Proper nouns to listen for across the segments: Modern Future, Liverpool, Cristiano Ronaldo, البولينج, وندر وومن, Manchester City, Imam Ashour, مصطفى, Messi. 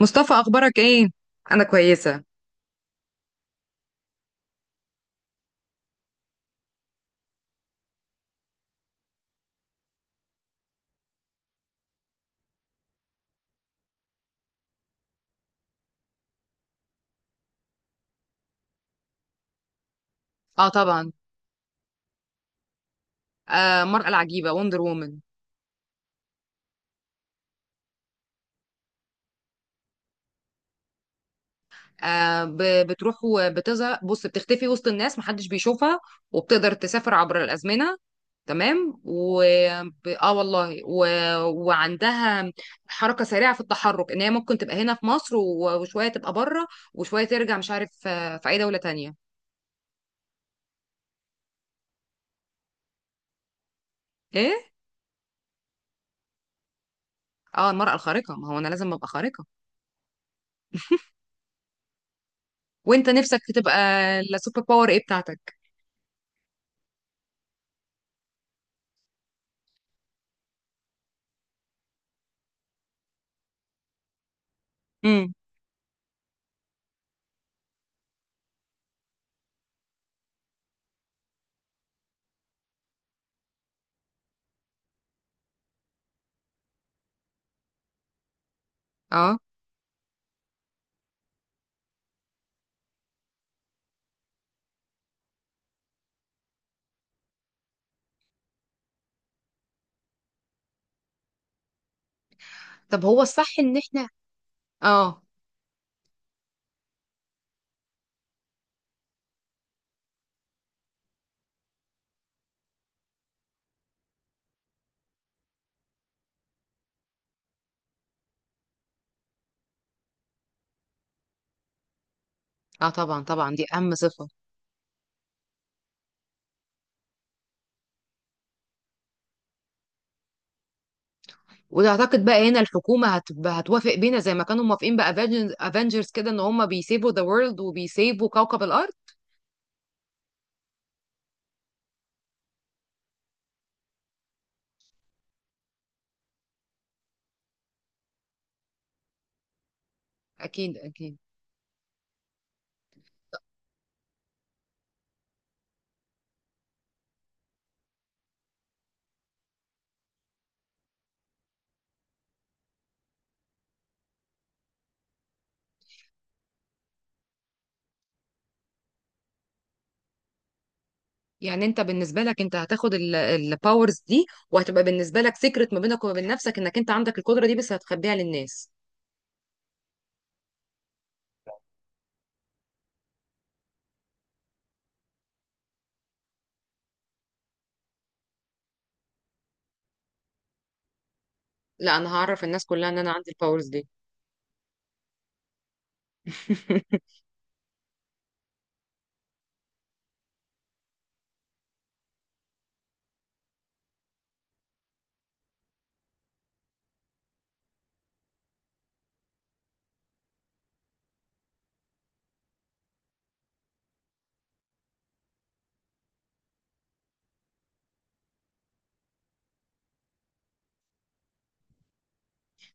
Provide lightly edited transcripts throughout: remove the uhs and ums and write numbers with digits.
مصطفى اخبارك ايه؟ انا كويسه. اه طبعا. آه مرأة العجيبه وندر وومن. آه بتروح وبتظهر، بص بتختفي وسط الناس محدش بيشوفها، وبتقدر تسافر عبر الازمنه. تمام و والله وعندها حركه سريعه في التحرك، ان هي ممكن تبقى هنا في مصر وشويه تبقى بره، وشويه ترجع، مش عارف في اي دوله تانية. ايه، اه المرأة الخارقة، ما هو انا لازم ابقى خارقة. وانت نفسك تبقى السوبر باور ايه بتاعتك؟ امم. اه طب هو الصح ان احنا. اه. اه طبعا طبعا، دي اهم صفة. وتعتقد بقى هنا الحكومة هتبقى هتوافق بينا زي ما كانوا موافقين بافنجرز كده، ان هم بيسيبوا ذا وورلد وبيسيبوا كوكب الارض؟ اكيد اكيد. يعني انت بالنسبة لك، انت هتاخد الباورز دي وهتبقى بالنسبة لك سيكرت ما بينك وما بين نفسك، انك انت عندك القدرة دي بس هتخبيها للناس. لا انا هعرف الناس كلها ان انا عندي الباورز دي.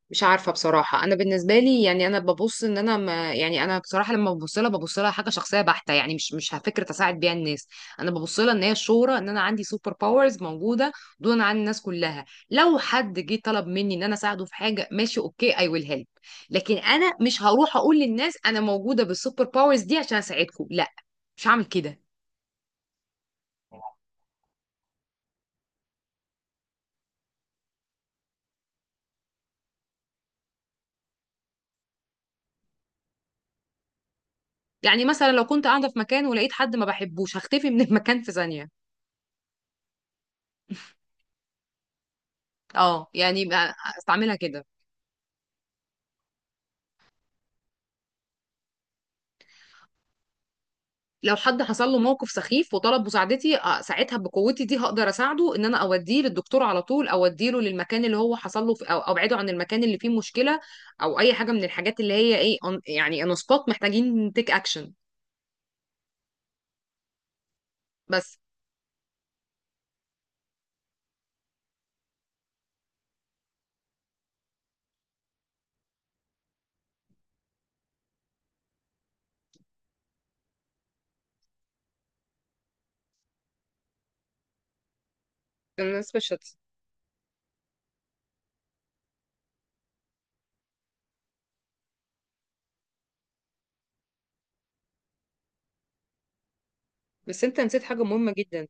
مش عارفة بصراحة، أنا بالنسبة لي يعني أنا ببص إن أنا ما، يعني أنا بصراحة لما ببص لها، ببص لها حاجة شخصية بحتة، يعني مش فكرة أساعد بيها الناس. أنا ببص لها إن هي الشهرة، إن أنا عندي سوبر باورز موجودة دون عن الناس كلها. لو حد جه طلب مني إن أنا أساعده في حاجة، ماشي أوكي، أي ويل هيلب. لكن أنا مش هروح أقول للناس أنا موجودة بالسوبر باورز دي عشان أساعدكم، لا مش هعمل كده. يعني مثلا لو كنت قاعدة في مكان ولقيت حد ما بحبوش، هختفي من المكان في ثانية. اه يعني استعملها كده. لو حد حصل له موقف سخيف وطلب مساعدتي، ساعتها بقوتي دي هقدر اساعده، ان انا اوديه للدكتور على طول، اوديه له للمكان اللي هو حصل له او ابعده عن المكان اللي فيه مشكلة، او اي حاجة من الحاجات اللي هي ايه يعني اون سبوت محتاجين تيك اكشن. بس بالنسبة للشخص. بس انت نسيت حاجة مهمة جدا،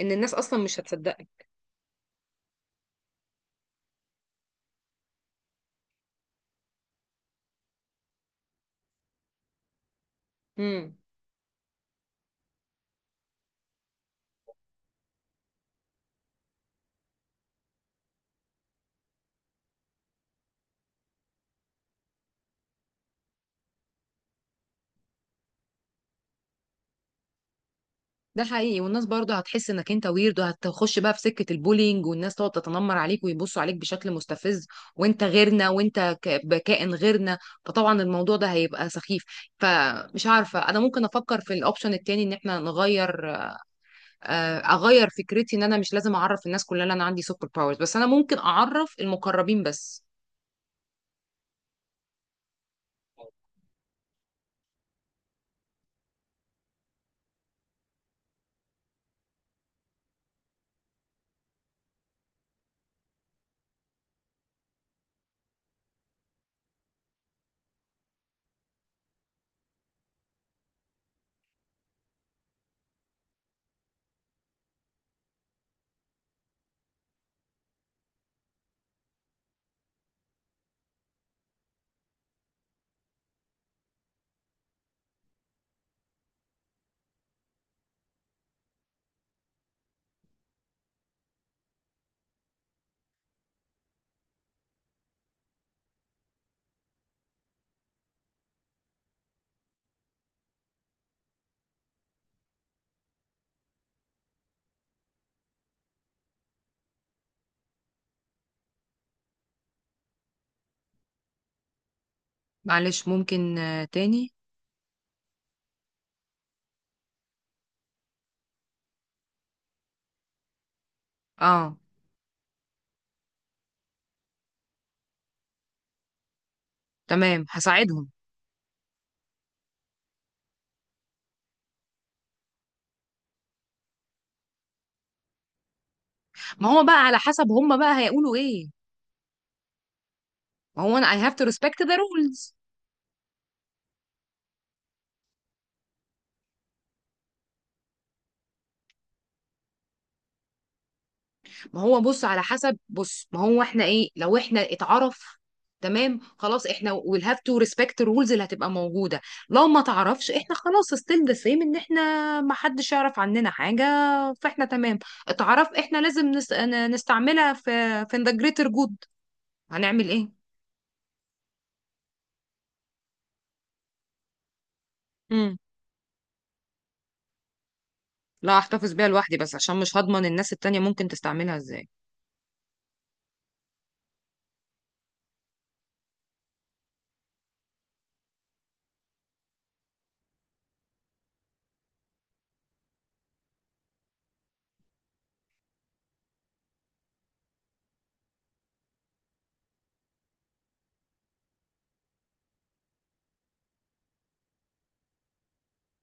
ان الناس اصلا مش هتصدقك. امم. ده حقيقي، والناس برضه هتحس انك انت ويرد، وهتخش بقى في سكة البولينج والناس تقعد تتنمر عليك ويبصوا عليك بشكل مستفز، وانت غيرنا، وانت بكائن غيرنا. فطبعا الموضوع ده هيبقى سخيف. فمش عارفة، انا ممكن افكر في الاوبشن التاني ان احنا نغير. اغير فكرتي ان انا مش لازم اعرف الناس كلها ان انا عندي سوبر باورز، بس انا ممكن اعرف المقربين بس. معلش ممكن تاني؟ اه تمام هساعدهم. ما هو بقى على حسب هم بقى هيقولوا ايه. ما هو انا I have to respect the rules. ما هو بص، على حسب، بص ما هو احنا ايه لو احنا اتعرف. تمام خلاص احنا we'll have to respect الرولز اللي هتبقى موجودة. لو ما تعرفش احنا خلاص still the same، ان احنا ما حدش يعرف عننا حاجة. فاحنا تمام. اتعرف احنا لازم نستعملها في the greater good. هنعمل ايه؟ امم. لا احتفظ بيها لوحدي بس، عشان مش هضمن الناس التانية ممكن تستعملها ازاي.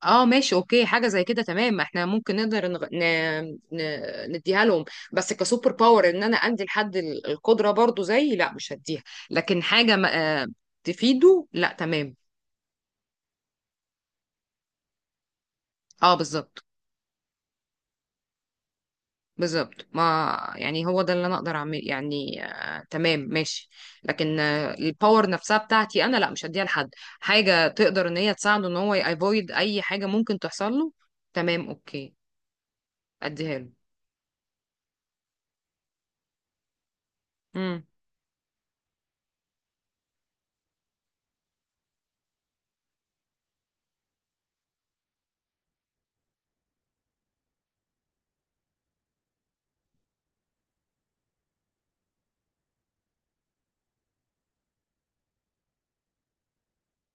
اه ماشي اوكي، حاجه زي كده تمام، احنا ممكن نقدر ن... نديها لهم. بس كسوبر باور ان انا عندي لحد القدره برضو زي، لا مش هديها. لكن حاجه ما... آه، تفيده، لا تمام. اه بالظبط. بالظبط، ما يعني هو ده اللي انا اقدر اعمل، يعني آه تمام ماشي. لكن آه الباور نفسها بتاعتي انا لا مش هديها لحد. حاجه تقدر ان هي تساعده ان هو يأفويد اي حاجه ممكن تحصل له، تمام اوكي اديها له. مم.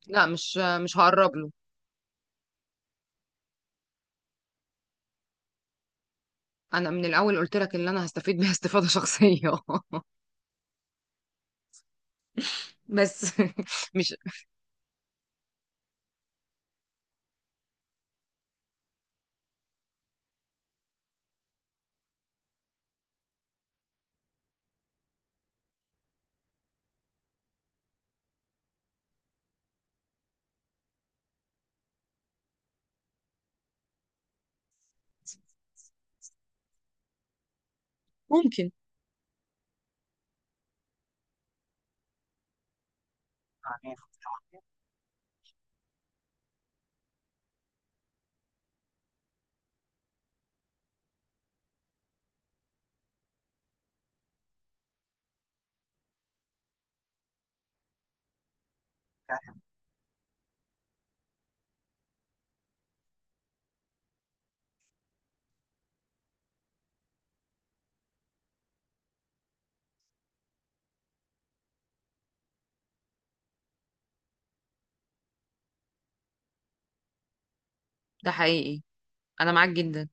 لا مش هقرب له. انا من الاول قلت لك ان انا هستفيد بيها استفادة شخصية. بس مش ممكن. ده حقيقي. انا معاك جدا.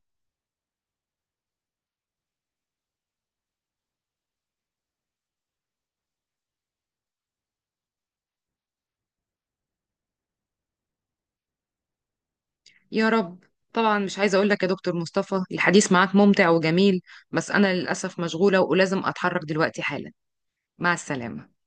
يا رب. طبعا مش عايزه اقول لك، يا دكتور مصطفى الحديث معاك ممتع وجميل، بس انا للاسف مشغوله ولازم اتحرك دلوقتي حالا. مع السلامه.